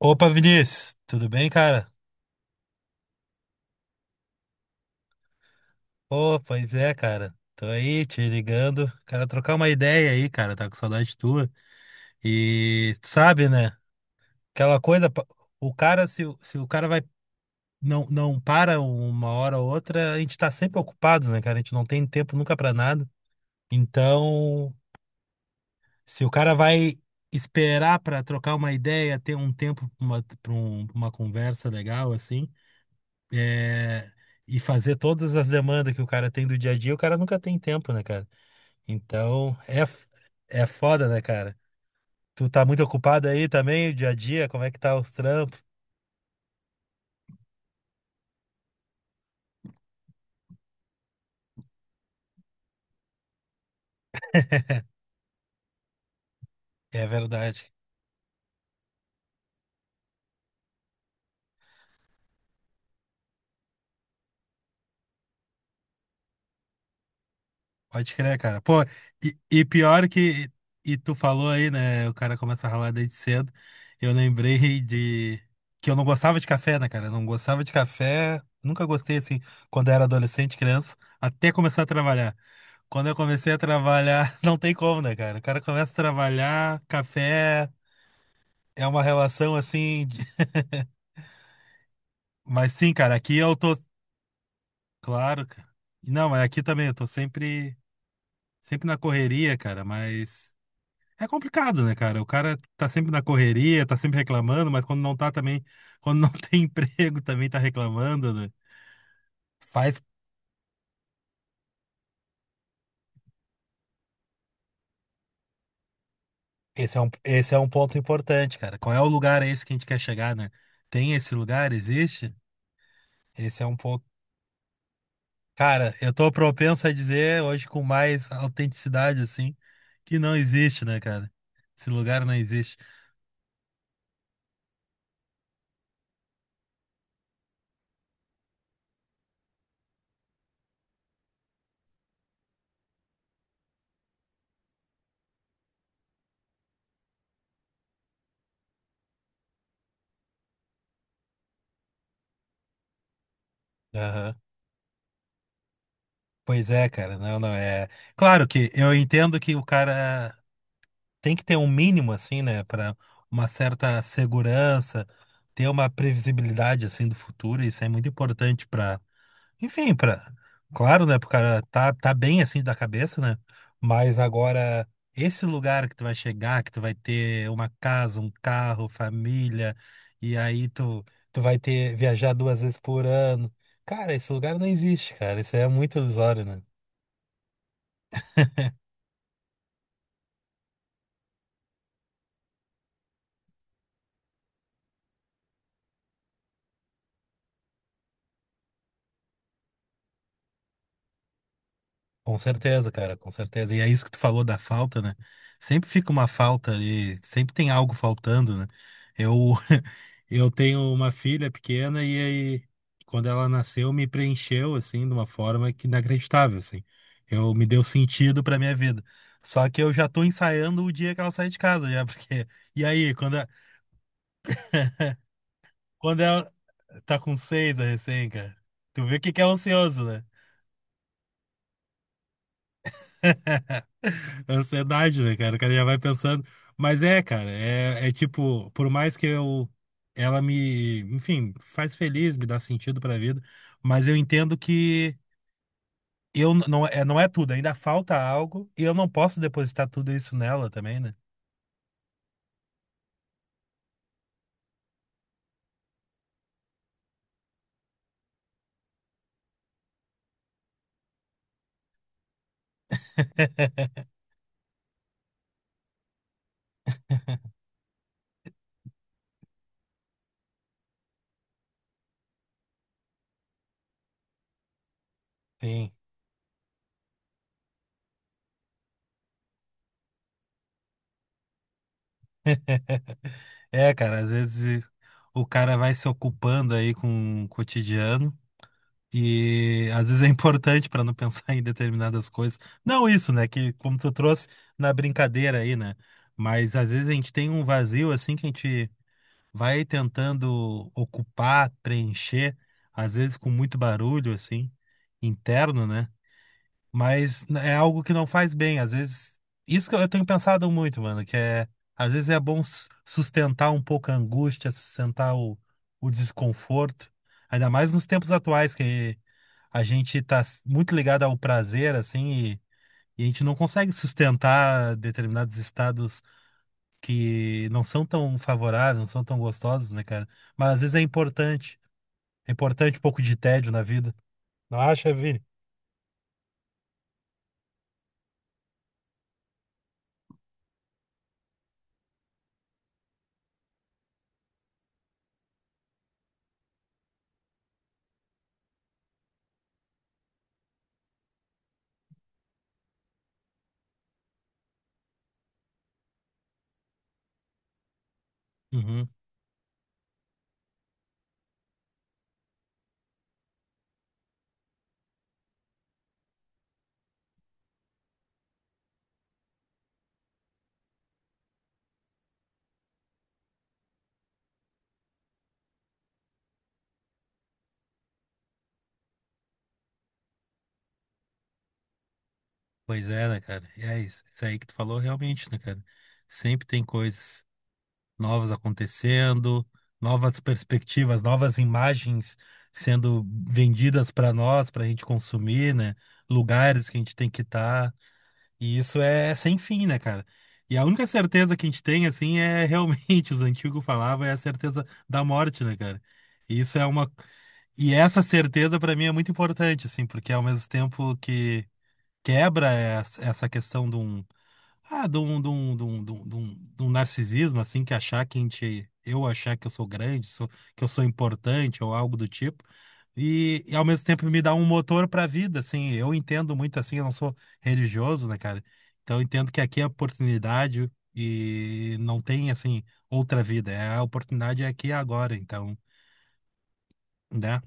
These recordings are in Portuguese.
Opa, Vinícius, tudo bem, cara? Pô, pois é, cara. Tô aí te ligando, cara, trocar uma ideia aí, cara, tá com saudade tua. E tu sabe, né? Aquela coisa, o cara, se o cara vai, não, não para uma hora ou outra, a gente tá sempre ocupado, né, cara? A gente não tem tempo nunca pra nada. Então, se o cara vai esperar pra trocar uma ideia, ter um tempo pra uma, uma conversa legal, assim. é, e fazer todas as demandas que o cara tem do dia a dia, o cara nunca tem tempo, né, cara? Então, é foda, né, cara? Tu tá muito ocupado aí também, o dia a dia, como é que tá os trampos? É verdade. Pode crer, cara. Pô, e pior que. E tu falou aí, né? O cara começa a ralar desde cedo. Eu lembrei de. Que eu não gostava de café, né, cara? Eu não gostava de café. Nunca gostei, assim, quando eu era adolescente, criança, até começar a trabalhar. Quando eu comecei a trabalhar, não tem como, né, cara? O cara começa a trabalhar, café é uma relação assim. Mas sim, cara, aqui eu tô. Claro, cara. Não, mas aqui também eu tô sempre, sempre na correria, cara, mas. É complicado, né, cara? O cara tá sempre na correria, tá sempre reclamando, mas quando não tá também, quando não tem emprego, também tá reclamando, né? Faz. Esse é um ponto importante, cara. Qual é o lugar esse que a gente quer chegar, né? Tem esse lugar? Existe? Esse é um ponto. Cara, eu tô propenso a dizer hoje com mais autenticidade, assim, que não existe, né, cara? Esse lugar não existe. Aham. Pois é, cara, não, não é. Claro que eu entendo que o cara tem que ter um mínimo, assim, né, pra uma certa segurança, ter uma previsibilidade, assim, do futuro, isso é muito importante pra. Enfim, pra, claro, né? Pro cara tá bem assim da cabeça, né? Mas agora, esse lugar que tu vai chegar, que tu vai ter uma casa, um carro, família, e aí tu vai ter viajar duas vezes por ano. Cara, esse lugar não existe, cara. Isso aí é muito ilusório, né? Com certeza, cara, com certeza. E é isso que tu falou da falta, né? Sempre fica uma falta ali, sempre tem algo faltando, né? Eu, eu tenho uma filha pequena e aí, quando ela nasceu, me preencheu, assim, de uma forma que inacreditável, assim. Eu me deu sentido pra minha vida. Só que eu já tô ensaiando o dia que ela sai de casa, já, porque... E aí, quando, quando ela tá com seis, a recém, cara, tu vê que é ansioso, né? Ansiedade, né, cara? O cara já vai pensando. Mas é, cara, é tipo, por mais que eu. Ela me, enfim, faz feliz, me dá sentido pra vida, mas eu entendo que eu não é, não é tudo, ainda falta algo e eu não posso depositar tudo isso nela também, né? Sim. É, cara, às vezes o cara vai se ocupando aí com o cotidiano. E às vezes é importante para não pensar em determinadas coisas. Não isso, né? Que como tu trouxe na brincadeira aí, né? Mas às vezes a gente tem um vazio assim que a gente vai tentando ocupar, preencher, às vezes com muito barulho assim, interno, né? Mas é algo que não faz bem. Às vezes, isso que eu tenho pensado muito, mano, que é, às vezes é bom sustentar um pouco a angústia, sustentar o desconforto. Ainda mais nos tempos atuais, que a gente tá muito ligado ao prazer, assim, e a gente não consegue sustentar determinados estados que não são tão favoráveis, não são tão gostosos, né, cara? Mas às vezes é importante. É importante um pouco de tédio na vida. Não acha, Vini? Uhum. Pois é, né, cara? E é isso, isso aí que tu falou realmente, né, cara? Sempre tem coisas novas acontecendo, novas perspectivas, novas imagens sendo vendidas para nós, para a gente consumir, né? Lugares que a gente tem que estar. E isso é sem fim, né, cara? E a única certeza que a gente tem, assim, é realmente, os antigos falavam, é a certeza da morte, né, cara? E isso é uma. E essa certeza, para mim, é muito importante, assim, porque ao mesmo tempo que quebra essa questão de de um narcisismo, assim, que achar que a gente, eu achar que eu sou grande, que eu sou importante ou algo do tipo. E, ao mesmo tempo me dá um motor para a vida, assim, eu entendo muito assim, eu não sou religioso, né, cara? Então eu entendo que aqui é oportunidade e não tem assim outra vida, é a oportunidade é aqui e agora, então, né?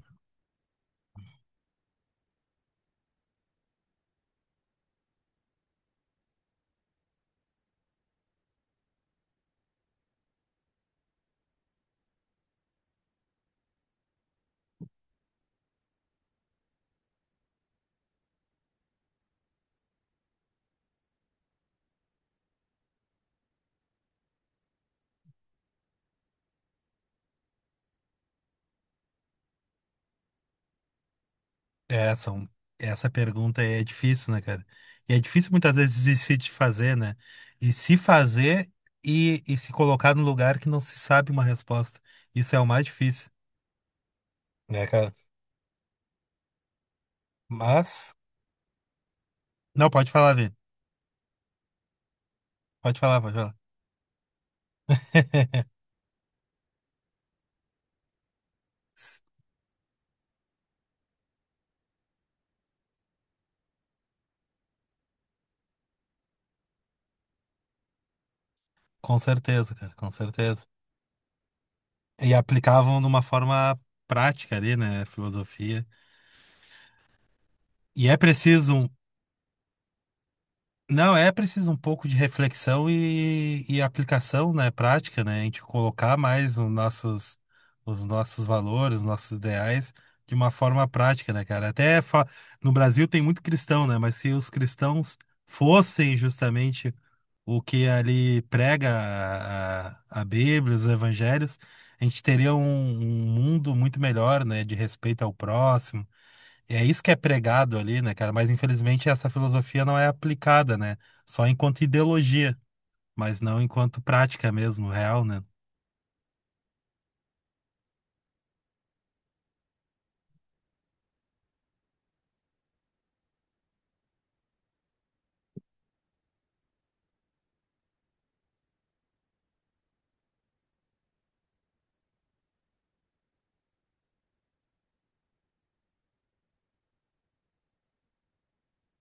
É, são. Essa pergunta é difícil, né, cara? E é difícil muitas vezes de se te fazer, né? E se fazer e se colocar num lugar que não se sabe uma resposta. Isso é o mais difícil, né, cara? Mas, não, pode falar, Vini. Pode falar, pode falar. Com certeza, cara, com certeza. E aplicavam de uma forma prática ali, né? Filosofia. E é preciso. Um. Não, é preciso um pouco de reflexão e aplicação, né, prática, né? A gente colocar mais os nossos valores, os nossos ideais de uma forma prática, né, cara? Até no Brasil tem muito cristão, né? Mas se os cristãos fossem justamente o que ali prega a Bíblia, os evangelhos, a gente teria um mundo muito melhor, né? De respeito ao próximo é isso que é pregado ali, né, cara? Mas infelizmente essa filosofia não é aplicada, né? Só enquanto ideologia, mas não enquanto prática mesmo, real, né?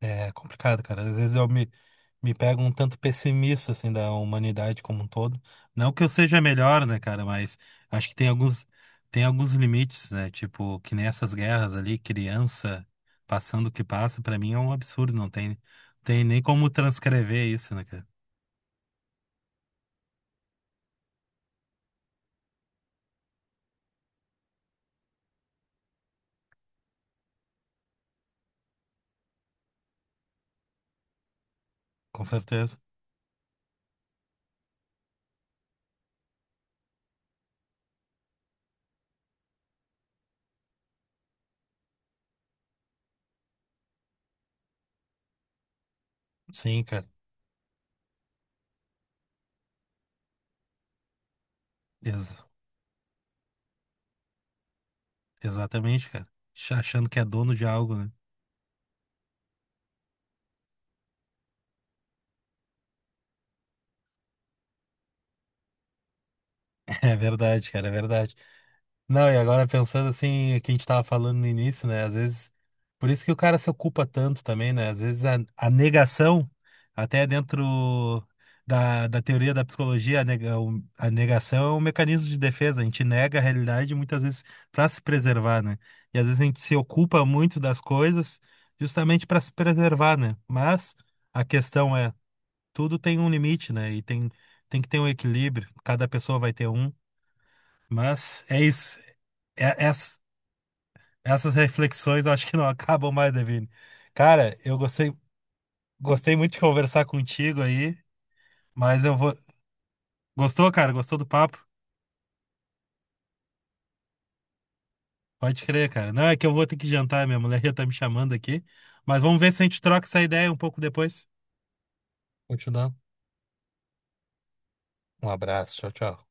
É complicado, cara. Às vezes eu me pego um tanto pessimista, assim, da humanidade como um todo. Não que eu seja melhor, né, cara? Mas acho que tem alguns, limites, né? Tipo, que nem essas guerras ali, criança passando o que passa, pra mim é um absurdo. Não tem nem como transcrever isso, né, cara? Com certeza. Sim, cara. Exato. Exatamente, cara. Achando que é dono de algo, né? É verdade, cara, é verdade. Não, e agora pensando assim, o que a gente tava falando no início, né? Às vezes, por isso que o cara se ocupa tanto também, né? Às vezes a negação, até dentro da teoria da psicologia, a negação é um mecanismo de defesa. A gente nega a realidade muitas vezes para se preservar, né? E às vezes a gente se ocupa muito das coisas justamente para se preservar, né? Mas a questão é. Tudo tem um limite, né? E tem que ter um equilíbrio, cada pessoa vai ter um. Mas é isso. É- ess- essas reflexões eu acho que não acabam mais, Devine. Cara, eu gostei, gostei muito de conversar contigo aí, mas eu vou. Gostou, cara? Gostou do papo? Pode crer, cara. Não, é que eu vou ter que jantar, minha mulher já tá me chamando aqui. Mas vamos ver se a gente troca essa ideia um pouco depois. Continuando. Um abraço, tchau, tchau.